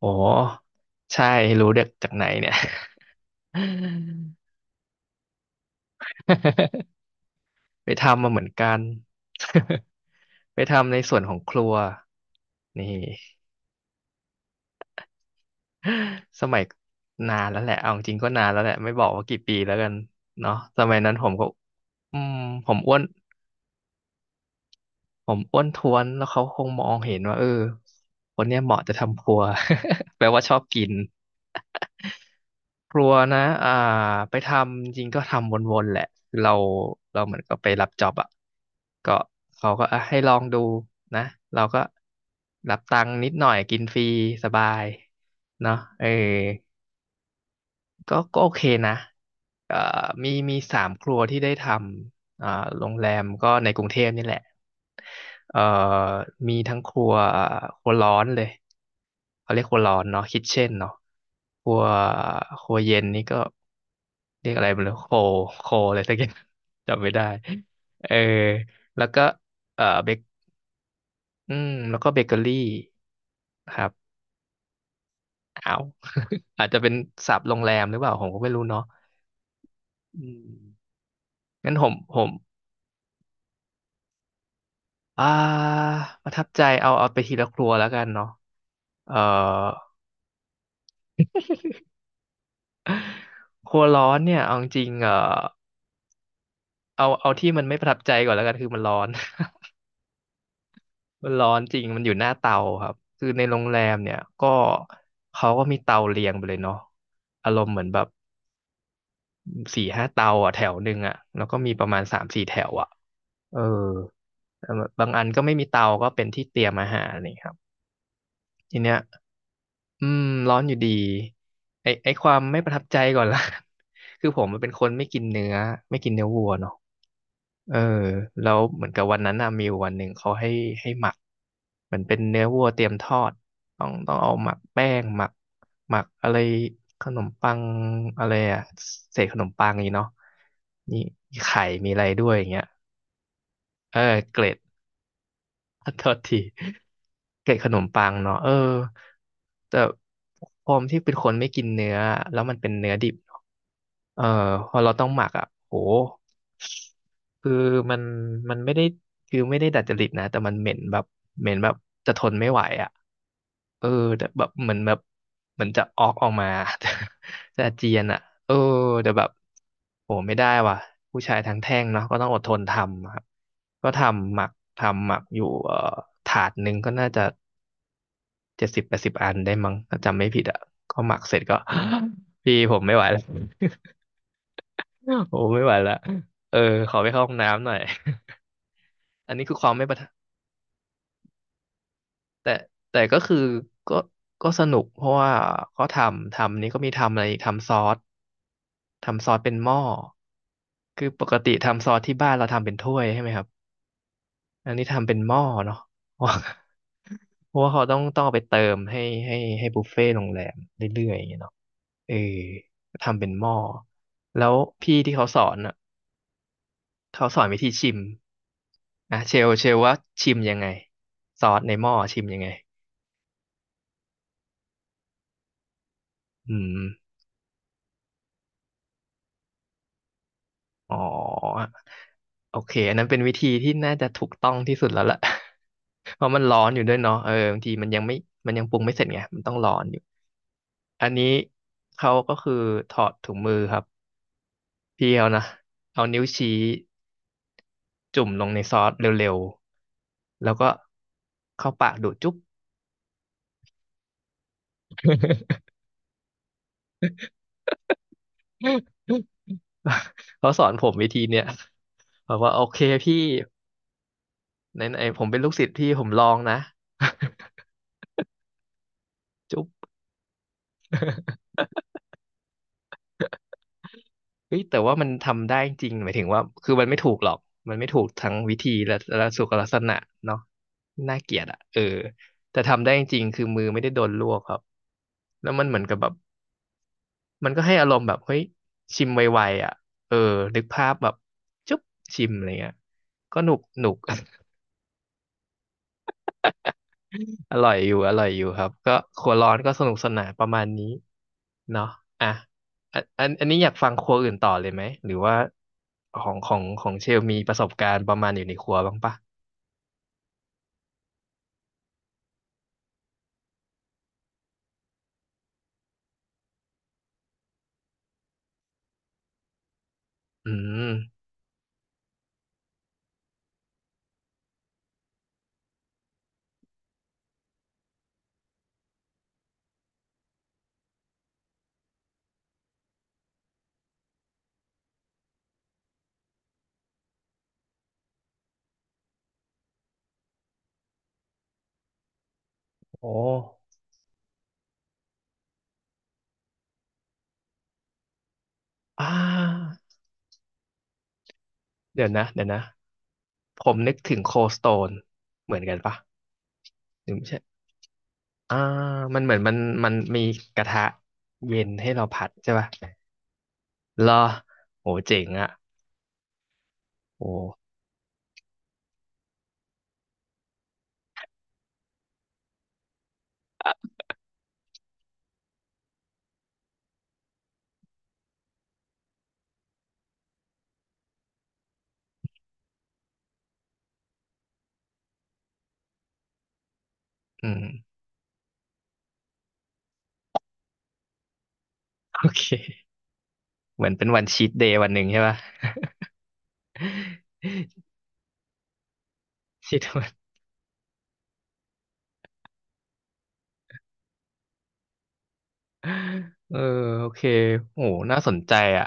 โอ้ใช่รู้เด็กจากไหนเนี่ย ไปทำมาเหมือนกันไปทำในส่วนของครัวนี่ สมัยนานแล้วแหละเอาจริงๆก็นานแล้วแหละไม่บอกว่ากี่ปีแล้วกันเนาะสมัยนั้นผมก็อืมผมอ้วนผมอ้วนท้วนแล้วเขาคงมองเห็นว่าคนเนี้ยเหมาะจะทำครัว แปลว่าชอบกิน ครัวนะไปทำจริงก็ทำวนๆแหละคือเราเหมือนก็ไปรับจ็อบอ่ะก็เขาก็อ่ะให้ลองดูนะ เราก็รับตังค์นิดหน่อยกินฟรีสบายเนาะเออก็โอเคนะเอ่อมีสามครัวที่ได้ทำโรงแรมก็ในกรุงเทพนี่แหละ เอ่อมีทั้งครัวร้อนเลยเขาเรียกครัวร้อนเนาะคิทเช่นเนาะครัวครัวเย็นนี่ก็เรียกอะไรไม่รู้โคโคอะไรสักอย่าง จำไม่ได้เออแล้วก็เบคแล้วก็เบเกอรี่ครับอ้าว อาจจะเป็นศัพท์โรงแรมหรือเปล่าผมก็ไม่รู้เนาะอืมงั้นผมอ่าประทับใจเอาไปทีละครัวแล้วกันเนาะเอ่อครัวร้อนเนี่ยเอาจริงๆเอาที่มันไม่ประทับใจก่อนแล้วกันคือมันร้อน มันร้อนจริงมันอยู่หน้าเตาครับคือในโรงแรมเนี่ยก็เขาก็มีเตาเรียงไปเลยเนาะอารมณ์เหมือนแบบสี่ห้าเตาอ่ะแถวหนึ่งอ่ะแล้วก็มีประมาณสามสี่แถวอ่ะเออแต่บางอันก็ไม่มีเตาก็เป็นที่เตรียมอาหารนี่ครับทีเนี้ยอืมร้อนอยู่ดีไอไอความไม่ประทับใจก่อนละ คือผมมันเป็นคนไม่กินเนื้อไม่กินเนื้อวัวเนาะ เออแล้วเหมือนกับวันนั้นอะมีอยู่วันหนึ่งเขาให้หมักเหมือนเป็นเนื้อวัวเตรียมทอดต้องเอาหมักแป้งหมักอะไรขนมปังอะไรอะเศษขนมปังนี่เนาะนี่มีไข่มีอะไรด้วยอย่างเงี้ยเออเกล็ด โทษทีเกล็ดขนมปังเนาะเออแต่ผมที่เป็นคนไม่กินเนื้อแล้วมันเป็นเนื้อดิบ เอ่อพอเราต้องหมักอ่ะโหคือมันมันไม่ได้คือไม่ได้ดัดจริตนะแต่มันเหม็นแบบเหม็นแบบจะทนไม่ไหวอ่ะเออแต่แบบเหมือนแบบเหมือนจะออกมา จะอาเจียนอ่ะเออแต่แบบโหไม่ได้ว่ะผู้ชายทั้งแท่งเนาะก็ต้องอดทนทำครับก็ทำหมักอยู่ถาดหนึ่งก็น่าจะ7080อันได้มั้งถ้าจำไม่ผิดอ่ะก็หมักเสร็จก็ พี่ผมไม่ไหวแล้ว โอ้ไม่ไหวละเออขอไปเข้าห้องน้ำหน่อย อันนี้คือความไม่ประทับแต่แต่ก็คือก็ก็สนุกเพราะว่าก็ทำนี้ก็มีทำอะไรอีกทำซอสทำซอสเป็นหม้อคือปกติทำซอสที่บ้านเราทำเป็นถ้วยใช่ไหมครับอันนี้ทำเป็นหม้อเนาะ เพราะเพราะว่าเขาต้องเอาไปเติมให้บุฟเฟ่ต์โรงแรมเรื่อยๆอย่างเงี้ยเนาะเออทำเป็นหม้อแล้วพี่ที่เขาสอนอ่ะ เขาสอนวิธีชิมอ่ะเชลว่าชิมยังไงซอสในหม้อชิมยังไงอืมอ๋อโอเคอันนั้นเป็นวิธีที่น่าจะถูกต้องที่สุดแล้วล่ะ เพราะมันร้อนอยู่ด้วยเนาะเออบางทีมันยังปรุงไม่เสร็จไงมันต้องร้อนอยู่อันนี้เขาก็คือถอดถุงมือครับพี่เขานะเอานิ้วชี้จุ่มลงในซอสเร็วๆแล้วก็เข้าปากดูดจุ๊บ เขาสอนผมวิธีเนี่ยบอกว่าโอเคพี่ไหนๆผมเป็นลูกศิษย์พี่ผมลองนะ จุ๊บ เฮ้ยแต่ว่ามันทำได้จริงหมายถึงว่าคือมันไม่ถูกหรอกมันไม่ถูกทั้งวิธีและสุขลักษณะเนาะน่าเกลียดอ่ะเออแต่ทำได้จริงคือมือไม่ได้โดนลวกครับแล้วมันเหมือนกับแบบมันก็ให้อารมณ์แบบเฮ้ยชิมไวๆอ่ะเออนึกภาพแบบจุ๊บชิมอะไรเงี้ยก็หนุกหนุก อร่อยอยู่อร่อยอยู่ครับก็ครัวร้อนก็สนุกสนานประมาณนี้เนาะอ่ะอันนี้อยากฟังครัวอื่นต่อเลยไหมหรือว่าของเชลมีประสบการณ์ประมาณอยู่ในครัวบ้างปะอืมโอ้อ่าเดี๋ยวนะเดี๋ยวนะผมนึกถึงโคสโตนเหมือนกันปะหรือไม่ใช่อ่ามันเหมือนมันมีกระทะเย็นให้เราผัดใช่ปะเหรอโหเจ๋งอ่ะโอ้อืมโอเคเหมือนเป็นวันชีทเดย์วันหนึ่งใช่ปะ ซีทอน เออโอเคโหน่าสนใจอ่ะ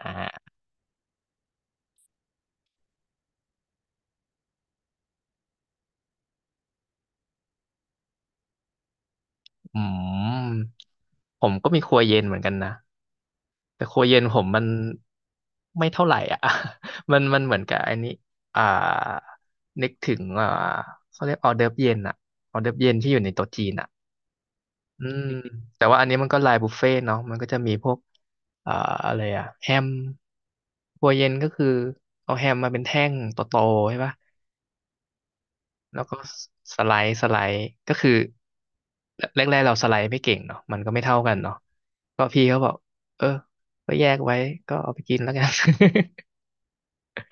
อ่าอืมผมก็มีครัวเย็นเหมือนกันนะแต่ครัวเย็นผมมันไม่เท่าไหร่อ่ะ มันเหมือนกับอันนี้อ่านึกถึงเขาเรียกออเดิร์ฟเย็นอ่ะออเดิร์ฟเย็นที่อยู่ในโต๊ะจีนอ่ะอืมแต่ว่าอันนี้มันก็ไลน์บุฟเฟ่ต์เนาะมันก็จะมีพวกอ่าอะไรอ่ะแฮมครัวเย็นก็คือเอาแฮมมาเป็นแท่งโตๆใช่ปะ แล้วก็สไลด์ก็คือแรกๆเราสไลด์ไม่เก่งเนาะมันก็ไม่เท่ากันเนาะก็พี่เขาบอกเออก็แยกไว้ก็เอาไปกินแล้วกัน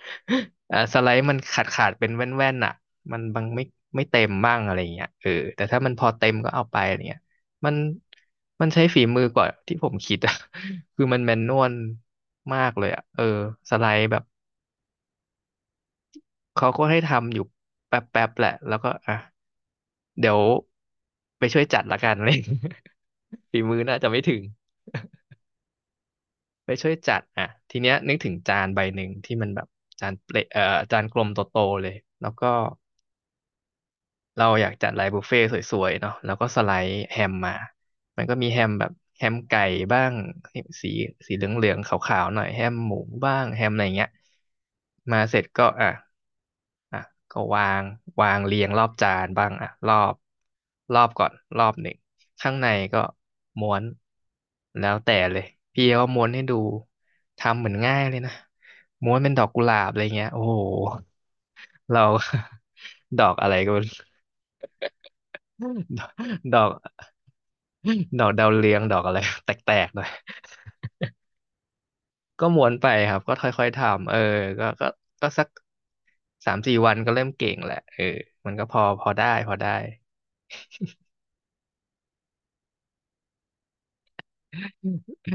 อ่าสไลด์มันขาดเป็นแว่นๆอ่ะมันบางไม่เต็มบ้างอะไรอย่างเงี้ยเออแต่ถ้ามันพอเต็มก็เอาไปอะไรเงี้ยมันมันใช้ฝีมือกว่าที่ผมคิดอ่ะ คือมันแมนนวลมากเลยอ่ะเออสไลด์แบบ เขาก็ให้ทำอยู่แป๊บแป๊แหละแล้วก็อ่ะเดี๋ยวไปช่วยจัดละกัน อะไรอย่างเลย ฝีมือน่าจะไม่ถึงไปช่วยจัดอ่ะทีเนี้ยนึกถึงจานใบหนึ่งที่มันแบบจานเปลจานกลมโตๆเลยแล้วก็ เราอยากจัดไลน์บุฟเฟ่ต์สวยๆเนาะแล้วก็สไลด์แฮมมามันก็มีแฮมแบบแฮมไก่บ้างสีสีเหลืองๆขาวๆหน่อยแฮมหมูบ้างแฮมอะไรเงี้ยมาเสร็จก็อ่ะอ่ะก็วางเรียงรอบจานบ้างอ่ะรอบก่อนรอบหนึ่งข้างในก็ม้วนแล้วแต่เลยพี่เขาม้วนให้ดูทำเหมือนง่ายเลยนะม้วนเป็นดอกกุหลาบอะไรเงี้ยโอ้โหเรา ดอกอะไรก็ไม่รู้ ดอก ดอกดาวเรืองดอกอะไร แตกๆหน่อยก็ม้วนไปครับก็ค่อยๆทำเออก็ก็ก็สักสามสี่วันก็เริ่มเก่งแหละเออมันก็พอได้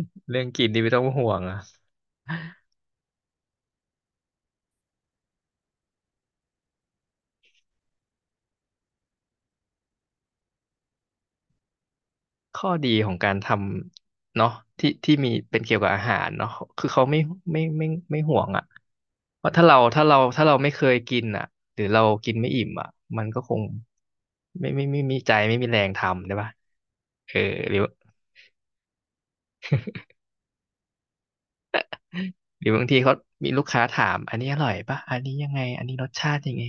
เรื่องกินนี่ไม่ต้องห่วงอะข้อดีของการทำเนาะที่ที่มีเป็นเกี่ยวกับอาหารเนาะคือเขาไม่ไม่ไม่ห่วงอะเพราะถ้าเราไม่เคยกินอะหรือเรากินไม่อิ่มอะมันก็คงไม่มีใจไม่มีแรงทำได้ปะเออหรือ หรือบางทีเขามีลูกค้าถามอันนี้อร่อยปะอันนี้ยังไงอันนี้รสชาติยังไง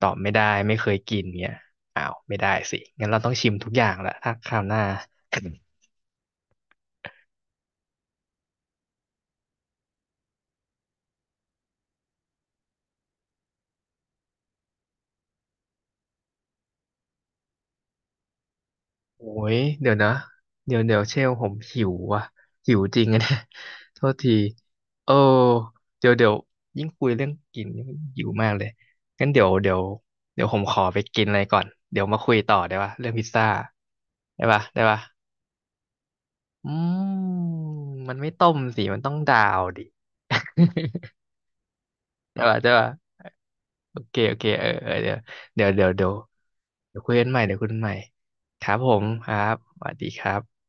ตอบไม่ได้ไม่เคยกินเนี่ยอ้าวไม่ได้สิงั้นเราต้องชิมทุกอย่างละถ้าคราวหน้าโอ้ยเดี๋ยวนะเดี๋ยวเชลผมหิวว่ะหิวจริงอะเนี่ย โทษทีเออเดี๋ยวยิ่งคุยเรื่องกินยิ่งหิวมากเลยงั้นเดี๋ยวผมขอไปกินอะไรก่อนเดี๋ยวมาคุยต่อได้ปะเรื่องพิซซ่าได้ปะได้ปะ อืมมันไม่ต้มสิ มันต้องดาวดิ ใช่ป่ะใช่ป่ะโอเคโอเคเออเออเดี๋ยวเดี๋ยวคุยกันใหม่เดี๋ยวคุยกันใหม่ครับผมครับสวัสดีครับ